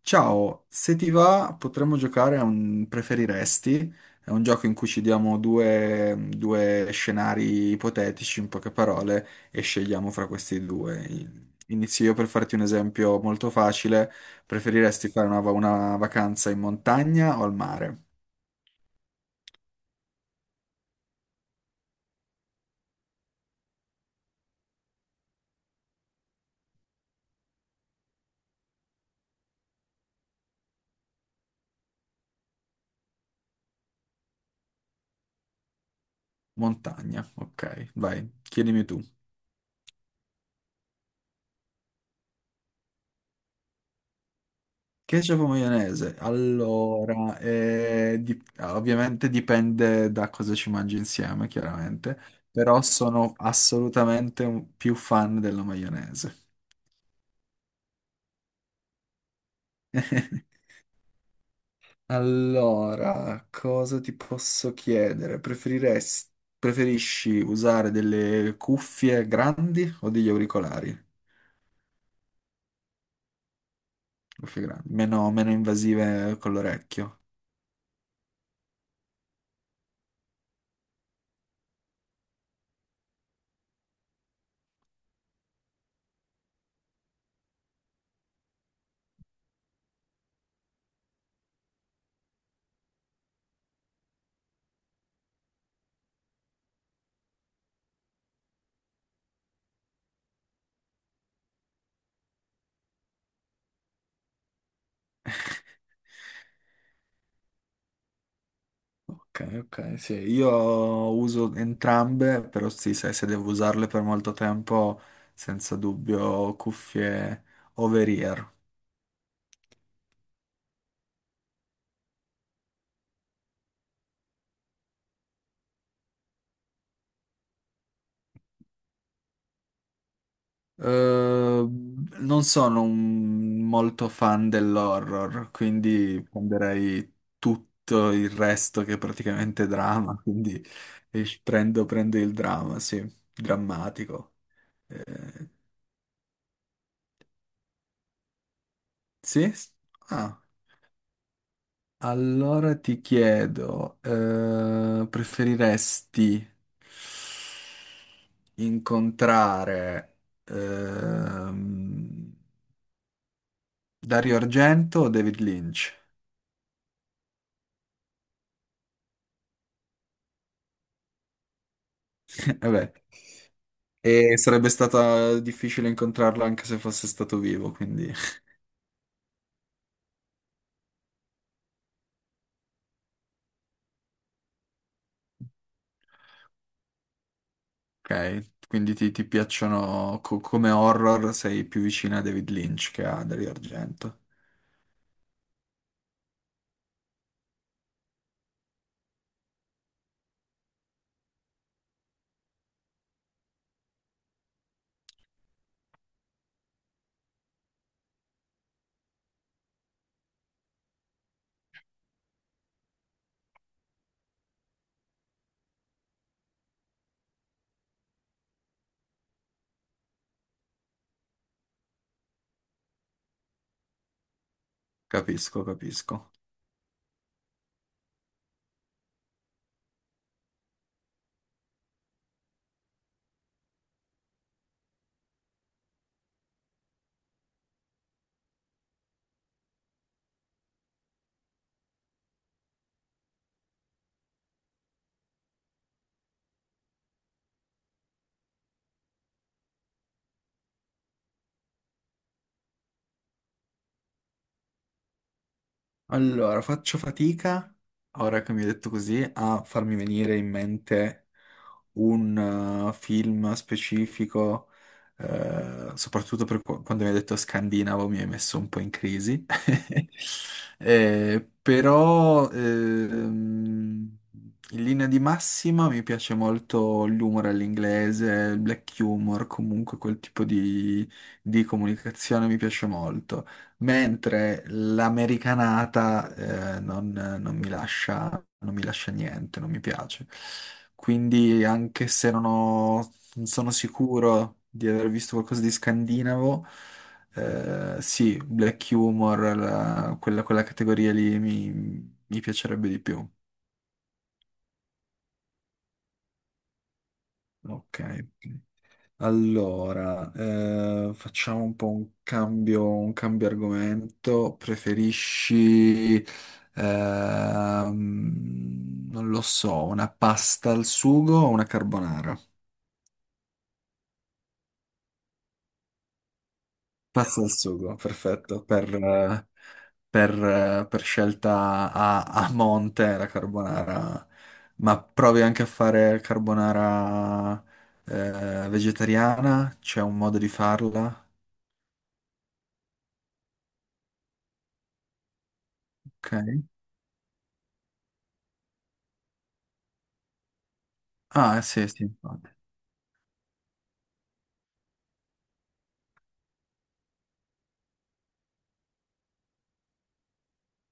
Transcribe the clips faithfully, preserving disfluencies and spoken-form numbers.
Ciao, se ti va potremmo giocare a un preferiresti, è un gioco in cui ci diamo due, due scenari ipotetici, in poche parole, e scegliamo fra questi due. Inizio io per farti un esempio molto facile, preferiresti fare una, va- una vacanza in montagna o al mare? Montagna, ok, vai, chiedimi tu. Ketchup o maionese? Allora, eh, di- ovviamente dipende da cosa ci mangi insieme, chiaramente, però sono assolutamente un- più fan della maionese. Allora, cosa ti posso chiedere? Preferiresti, preferisci usare delle cuffie grandi o degli auricolari? Cuffie grandi, meno, meno invasive con l'orecchio. Ok, ok, sì, io uso entrambe, però sì, sai, se devo usarle per molto tempo, senza dubbio cuffie over-ear. Eh, non sono un- molto fan dell'horror, quindi prenderei tutto il resto che è praticamente drama, quindi eh, prendo, prendo il dramma, sì, drammatico. Eh, sì? Ah. Allora ti chiedo, eh, preferiresti incontrare ehm, Dario Argento o David Lynch? Vabbè, e sarebbe stata difficile incontrarlo anche se fosse stato vivo, quindi ok. Quindi ti, ti piacciono co- come horror, sei più vicina a David Lynch che a Dario Argento. Capisco, capisco. Allora, faccio fatica, ora che mi hai detto così, a farmi venire in mente un eh, film specifico, eh, soprattutto per qu- quando mi hai detto scandinavo mi hai messo un po' in crisi. Eh, però, ehm, in linea di massima mi piace molto l'humor all'inglese, il black humor, comunque quel tipo di di comunicazione mi piace molto. Mentre l'americanata eh, non, non mi lascia, non mi lascia niente, non mi piace. Quindi, anche se non ho- non sono sicuro di aver visto qualcosa di scandinavo, eh, sì, black humor, la- quella, quella categoria lì mi, mi piacerebbe di più. Ok. Allora, eh, facciamo un po' un cambio, un cambio argomento. Preferisci, ehm, non lo so, una pasta al sugo o una carbonara? Pasta al sugo, perfetto. Per, eh, per, eh, per scelta a, a monte la carbonara. Ma provi anche a fare carbonara, eh, vegetariana? C'è un modo di farla? Ok. Ah, sì, sì.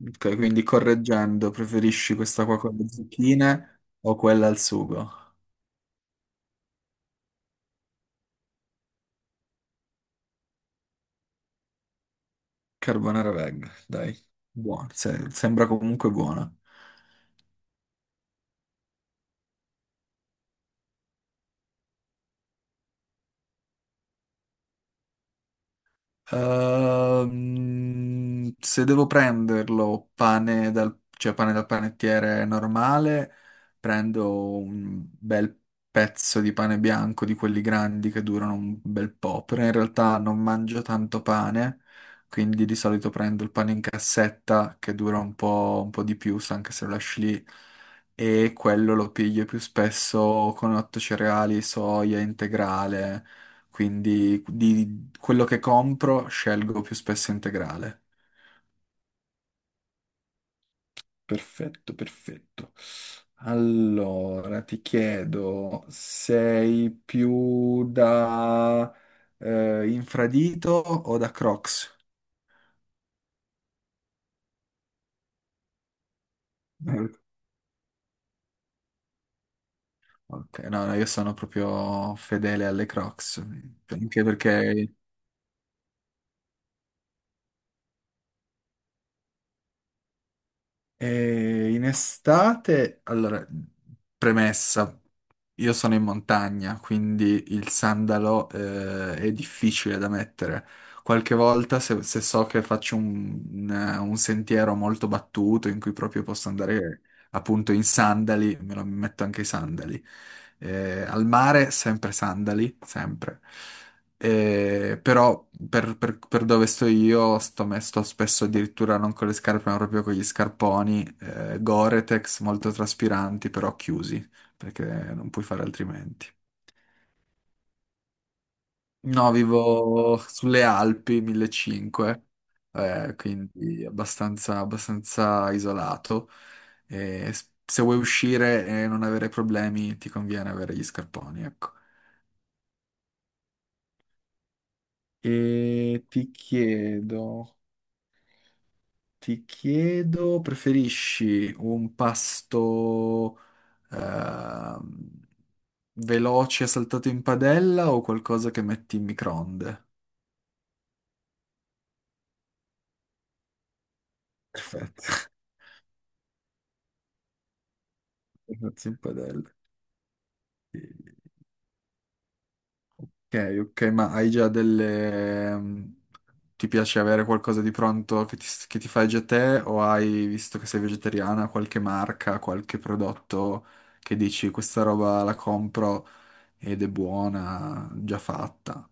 Ok, quindi correggendo, preferisci questa qua con le zucchine o quella al sugo? Carbonara veg, dai. Buona, se- sembra comunque buona. Ehm, se devo prenderlo pane dal, cioè pane dal panettiere normale, prendo un bel pezzo di pane bianco di quelli grandi che durano un bel po', però in realtà non mangio tanto pane, quindi di solito prendo il pane in cassetta che dura un po', un po' di più, se anche se lo lasci lì, e quello lo piglio più spesso con otto cereali, soia integrale quindi di, quello che compro scelgo più spesso integrale. Perfetto, perfetto. Allora, ti chiedo, sei più da... Eh, infradito o da Crocs? eh, Ok, no, no, io sono proprio fedele alle Crocs, anche perché E in estate, allora, premessa, io sono in montagna, quindi il sandalo, eh, è difficile da mettere. Qualche volta, se, se so che faccio un, un un sentiero molto battuto in cui proprio posso andare appunto in sandali, me lo metto anche i sandali. Eh, al mare, sempre sandali, sempre. Eh, però per, per- per dove sto io sto, me- sto spesso addirittura non con le scarpe ma proprio con gli scarponi eh, Gore-Tex molto traspiranti però chiusi perché non puoi fare altrimenti. No, vivo sulle Alpi millecinquecento eh, quindi abbastanza, abbastanza isolato e s- se vuoi uscire e non avere problemi ti conviene avere gli scarponi, ecco. E ti chiedo. Ti chiedo, preferisci un pasto ehm, veloce saltato in padella o qualcosa che metti in microonde? Perfetto. Saltato in padella. Ok, ok, ma hai già delle... ehm, ti piace avere qualcosa di pronto che ti, che ti fai già te o hai, visto che sei vegetariana, qualche marca, qualche prodotto che dici questa roba la compro ed è buona, già fatta?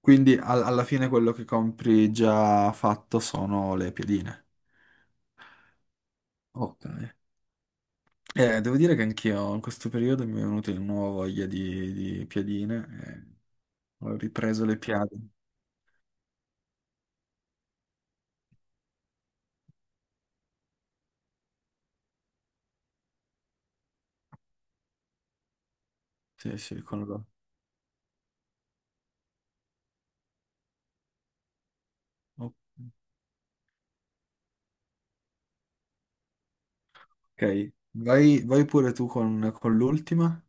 Quindi al- alla fine quello che compri già fatto sono le piedine. Ok. Eh, devo dire che anch'io in questo periodo mi è venuta di nuovo voglia di, di piadine. Eh, ho ripreso le piade. Sì, sì, con lo... Ok, vai, vai pure tu con, con l'ultima.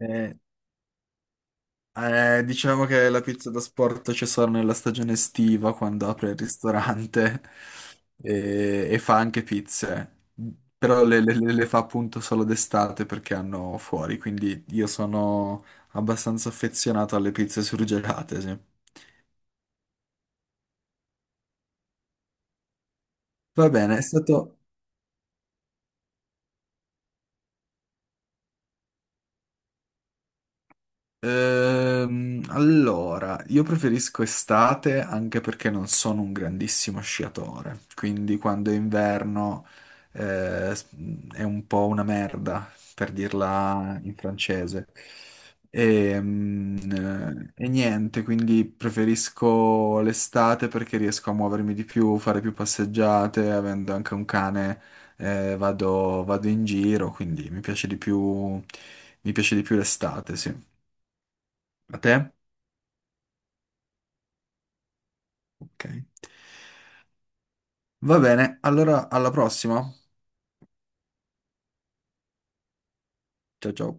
Eh, Eh, diciamo che la pizza da sport c'è solo nella stagione estiva, quando apre il ristorante e, e fa anche pizze. Però le, le- le le fa appunto solo d'estate perché hanno fuori, quindi io sono abbastanza affezionato alle pizze surgelate, sì. Va bene, è stato Ehm, allora, io preferisco estate anche perché non sono un grandissimo sciatore, quindi quando è inverno eh, s- è un po' una merda, per dirla in francese. Ehm, eh, E, niente, quindi preferisco l'estate perché riesco a muovermi di più, fare più passeggiate, avendo anche un cane, eh, vado, vado in giro, quindi mi piace di più, mi piace di più l'estate, sì. A te? Ok. Va bene, allora alla prossima. Ciao ciao.